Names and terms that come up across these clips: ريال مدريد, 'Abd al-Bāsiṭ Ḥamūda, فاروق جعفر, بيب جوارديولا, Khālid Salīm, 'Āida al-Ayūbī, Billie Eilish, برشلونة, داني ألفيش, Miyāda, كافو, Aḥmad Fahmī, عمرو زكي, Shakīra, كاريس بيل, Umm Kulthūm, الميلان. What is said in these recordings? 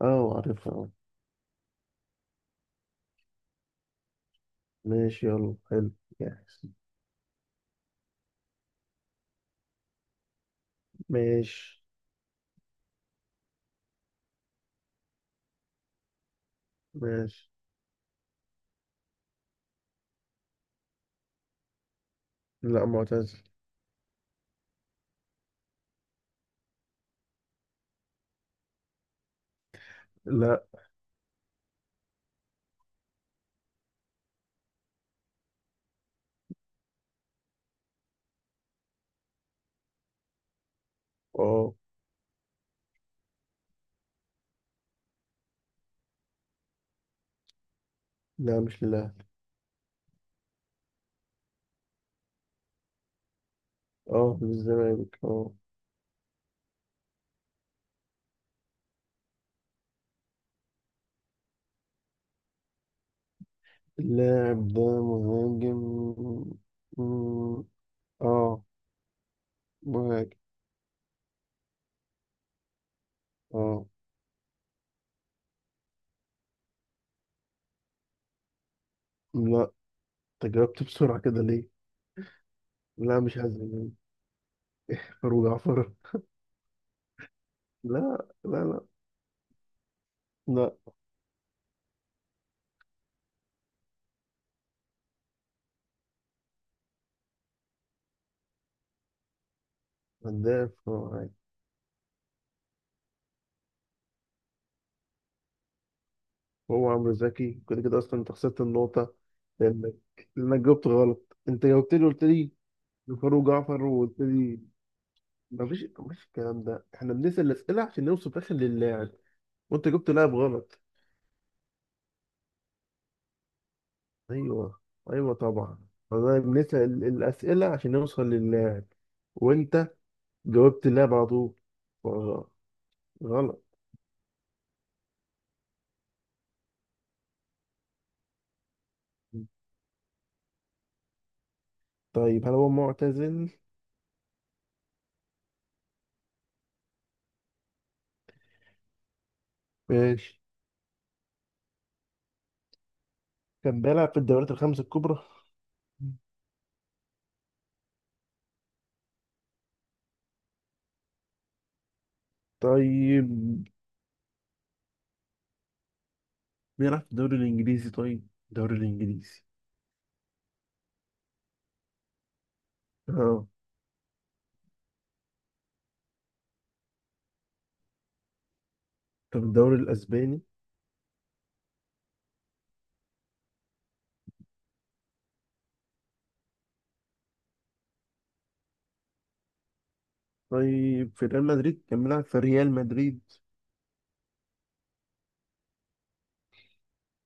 اه، عارفها، اه. ماشي، يلا، حلو. جاهز. ماشي، ماشي. لا، معتزل. لا. اه. لا، مش للاهلي. اه، للزمالك، اه. اللاعب ده مهاجم؟ مم، اه، مهاجم، اه. لا، انت جاوبت بسرعة كده ليه؟ لا، مش هزل. فاروق جعفر؟ لا، لا، لا. لا. هداف هو عادي. هو عمرو زكي، كده كده اصلا انت خسرت النقطة. لانك لانك جاوبت غلط. انت جاوبت لي، قلت لي زفار وجعفر، وقلت لي مفيش الكلام ده. احنا بنسال الاسئله عشان نوصل في الاخر للاعب، وانت جبت لاعب غلط. ايوه، ايوه طبعا. والله بنسال الاسئله عشان نوصل للاعب، وانت جاوبت اللاعب على طول، فغ- غلط. طيب، هل هو معتزل؟ ماشي، كان بيلعب في الدوريات الخمس الكبرى. طيب، بيلعب في الدوري الانجليزي؟ طيب الدوري الانجليزي، اه. طب الدوري الاسباني؟ طيب، في ريال مدريد؟ كان بيلعب في ريال مدريد؟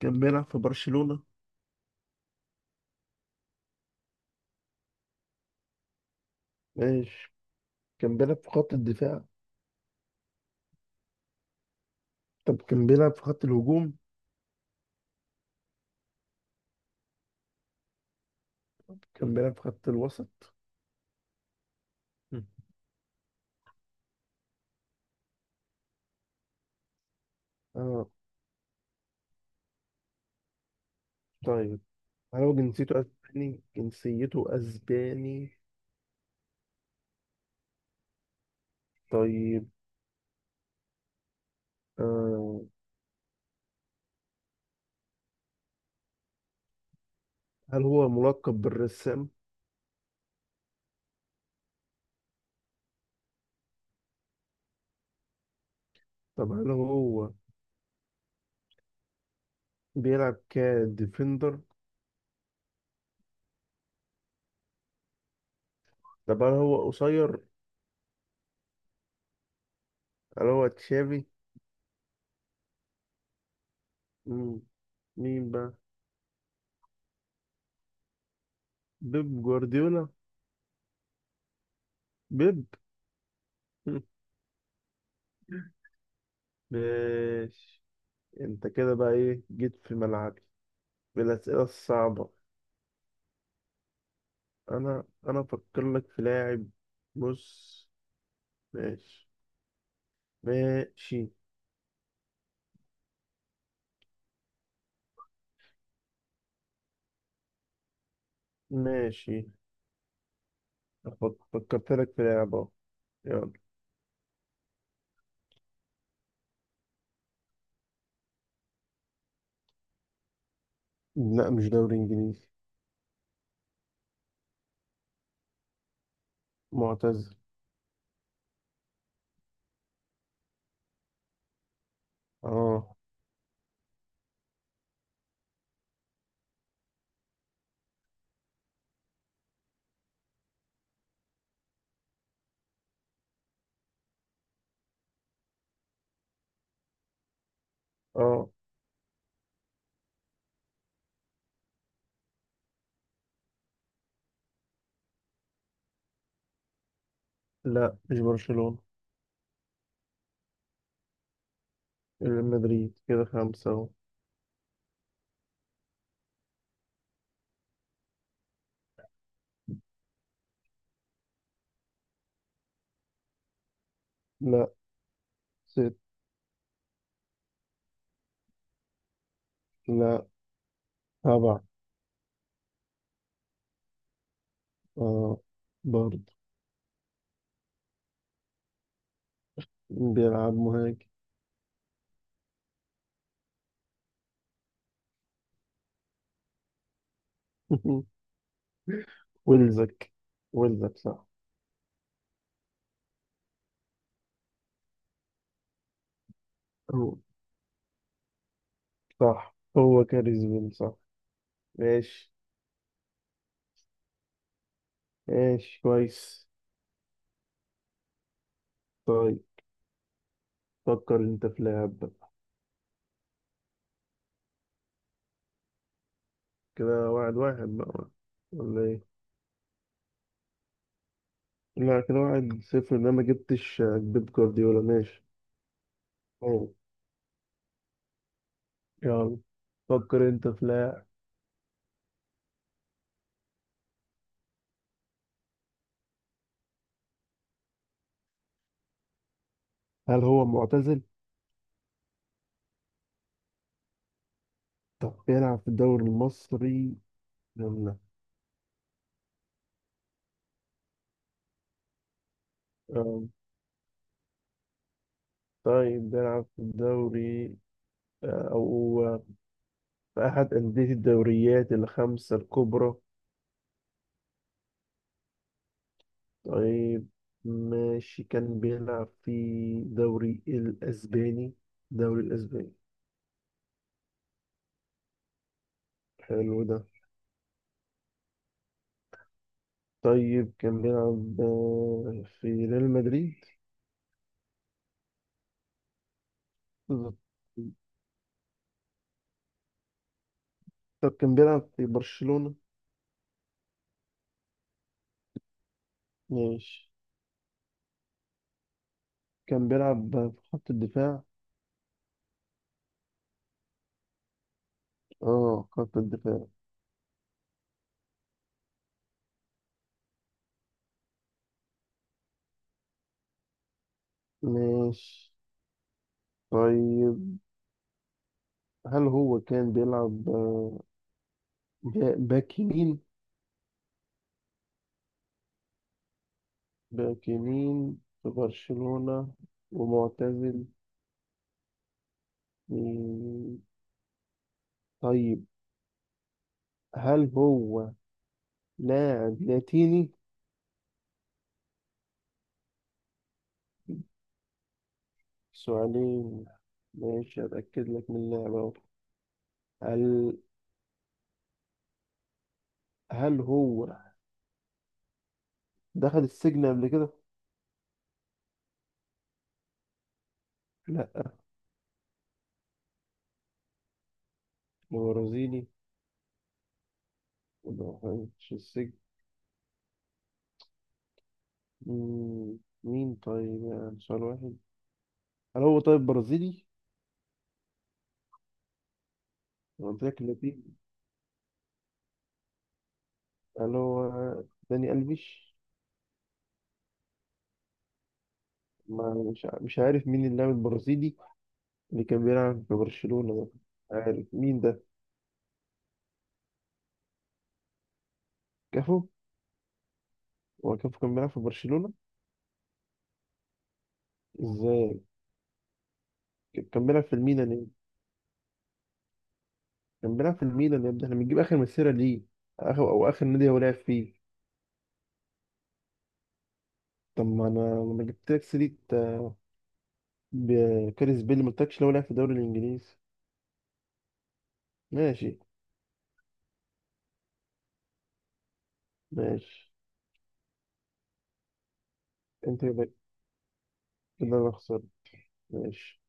كان بيلعب في برشلونة. ماشي، كان بيلعب في خط الدفاع؟ طب كان بيلعب في خط الهجوم؟ كان بيلعب في خط الوسط؟ مم. اه. طيب، هل هو جنسيته اسباني؟ جنسيته اسباني. طيب، آه. هل هو ملقب بالرسام؟ طب هل هو بيلعب كديفندر؟ طب هل هو قصير؟ هل هو تشافي؟ مم. مين بقى؟ بيب جوارديولا؟ بيب. ماشي، انت كده بقى ايه جيت في ملعبي بالاسئله الصعبه. انا افكر لك في لاعب. بص. ماشي، ماشي، ماشي. فكرت لك في لاعب اهو. يلا. لا، مش دوري انجليزي. معتزل، اه. اه. لا، مش برشلونه. ريال مدريد، كده خمسه اهو. لا، ست. لا، سبعة. اه، برضه. بيلعب مهاجم؟ ويلزك؟ ويلزك صح. صح، هو كاريزما، صح. ماشي، ماشي كويس. طيب، فكر انت في لاعب بقى. كده 1-1 بقى ولا ايه؟ لا، كده 1-0، ان انا ما جبتش بيب جوارديولا. ماشي. أوه. يلا، فكر انت في لاعب. هل هو معتزل؟ طب بيلعب في الدوري المصري ولا لا؟ آه، طيب، بيلعب في الدوري، أو في أحد أندية الدوريات الخمسة الكبرى؟ طيب، ماشي، كان بيلعب في دوري الأسباني. دوري الأسباني، حلو ده. طيب، كان بيلعب، في ريال مدريد؟ بالظبط. طب كان بيلعب في برشلونة؟ ماشي، كان بيلعب في خط الدفاع؟ اه، خط الدفاع. ماشي. طيب، هل هو كان بيلعب، باك يمين؟ باك يمين في برشلونة، ومعتزل. مم. طيب، هل هو لاعب لاتيني؟ سؤالين. ماشي، أتأكد لك من اللعبة أهو. هل هل هو دخل السجن قبل كده؟ لا، هو برازيلي، ما دخلش السجن. مم، مين طيب يعني سؤال واحد؟ هل هو طيب برازيلي؟ أنا قلت لك لاتيني. هل هو داني ألفيش؟ ما مش عارف مين اللاعب البرازيلي اللي كان بيلعب في برشلونة ده. عارف مين ده؟ كافو؟ هو كافو كان بيلعب في برشلونة؟ ازاي؟ كان بيلعب في الميلان يعني. كان بيلعب في الميلان يا ابني، احنا بنجيب اخر مسيره ليه، اخر او اخر نادي هو لعب فيه. طب ما انا لما جبت لك سيره، كاريس بيل، ما قلتلكش لو لعب في الدوري الانجليزي. ماشي، ماشي. انت كده، كده انا خسرت. ماشي.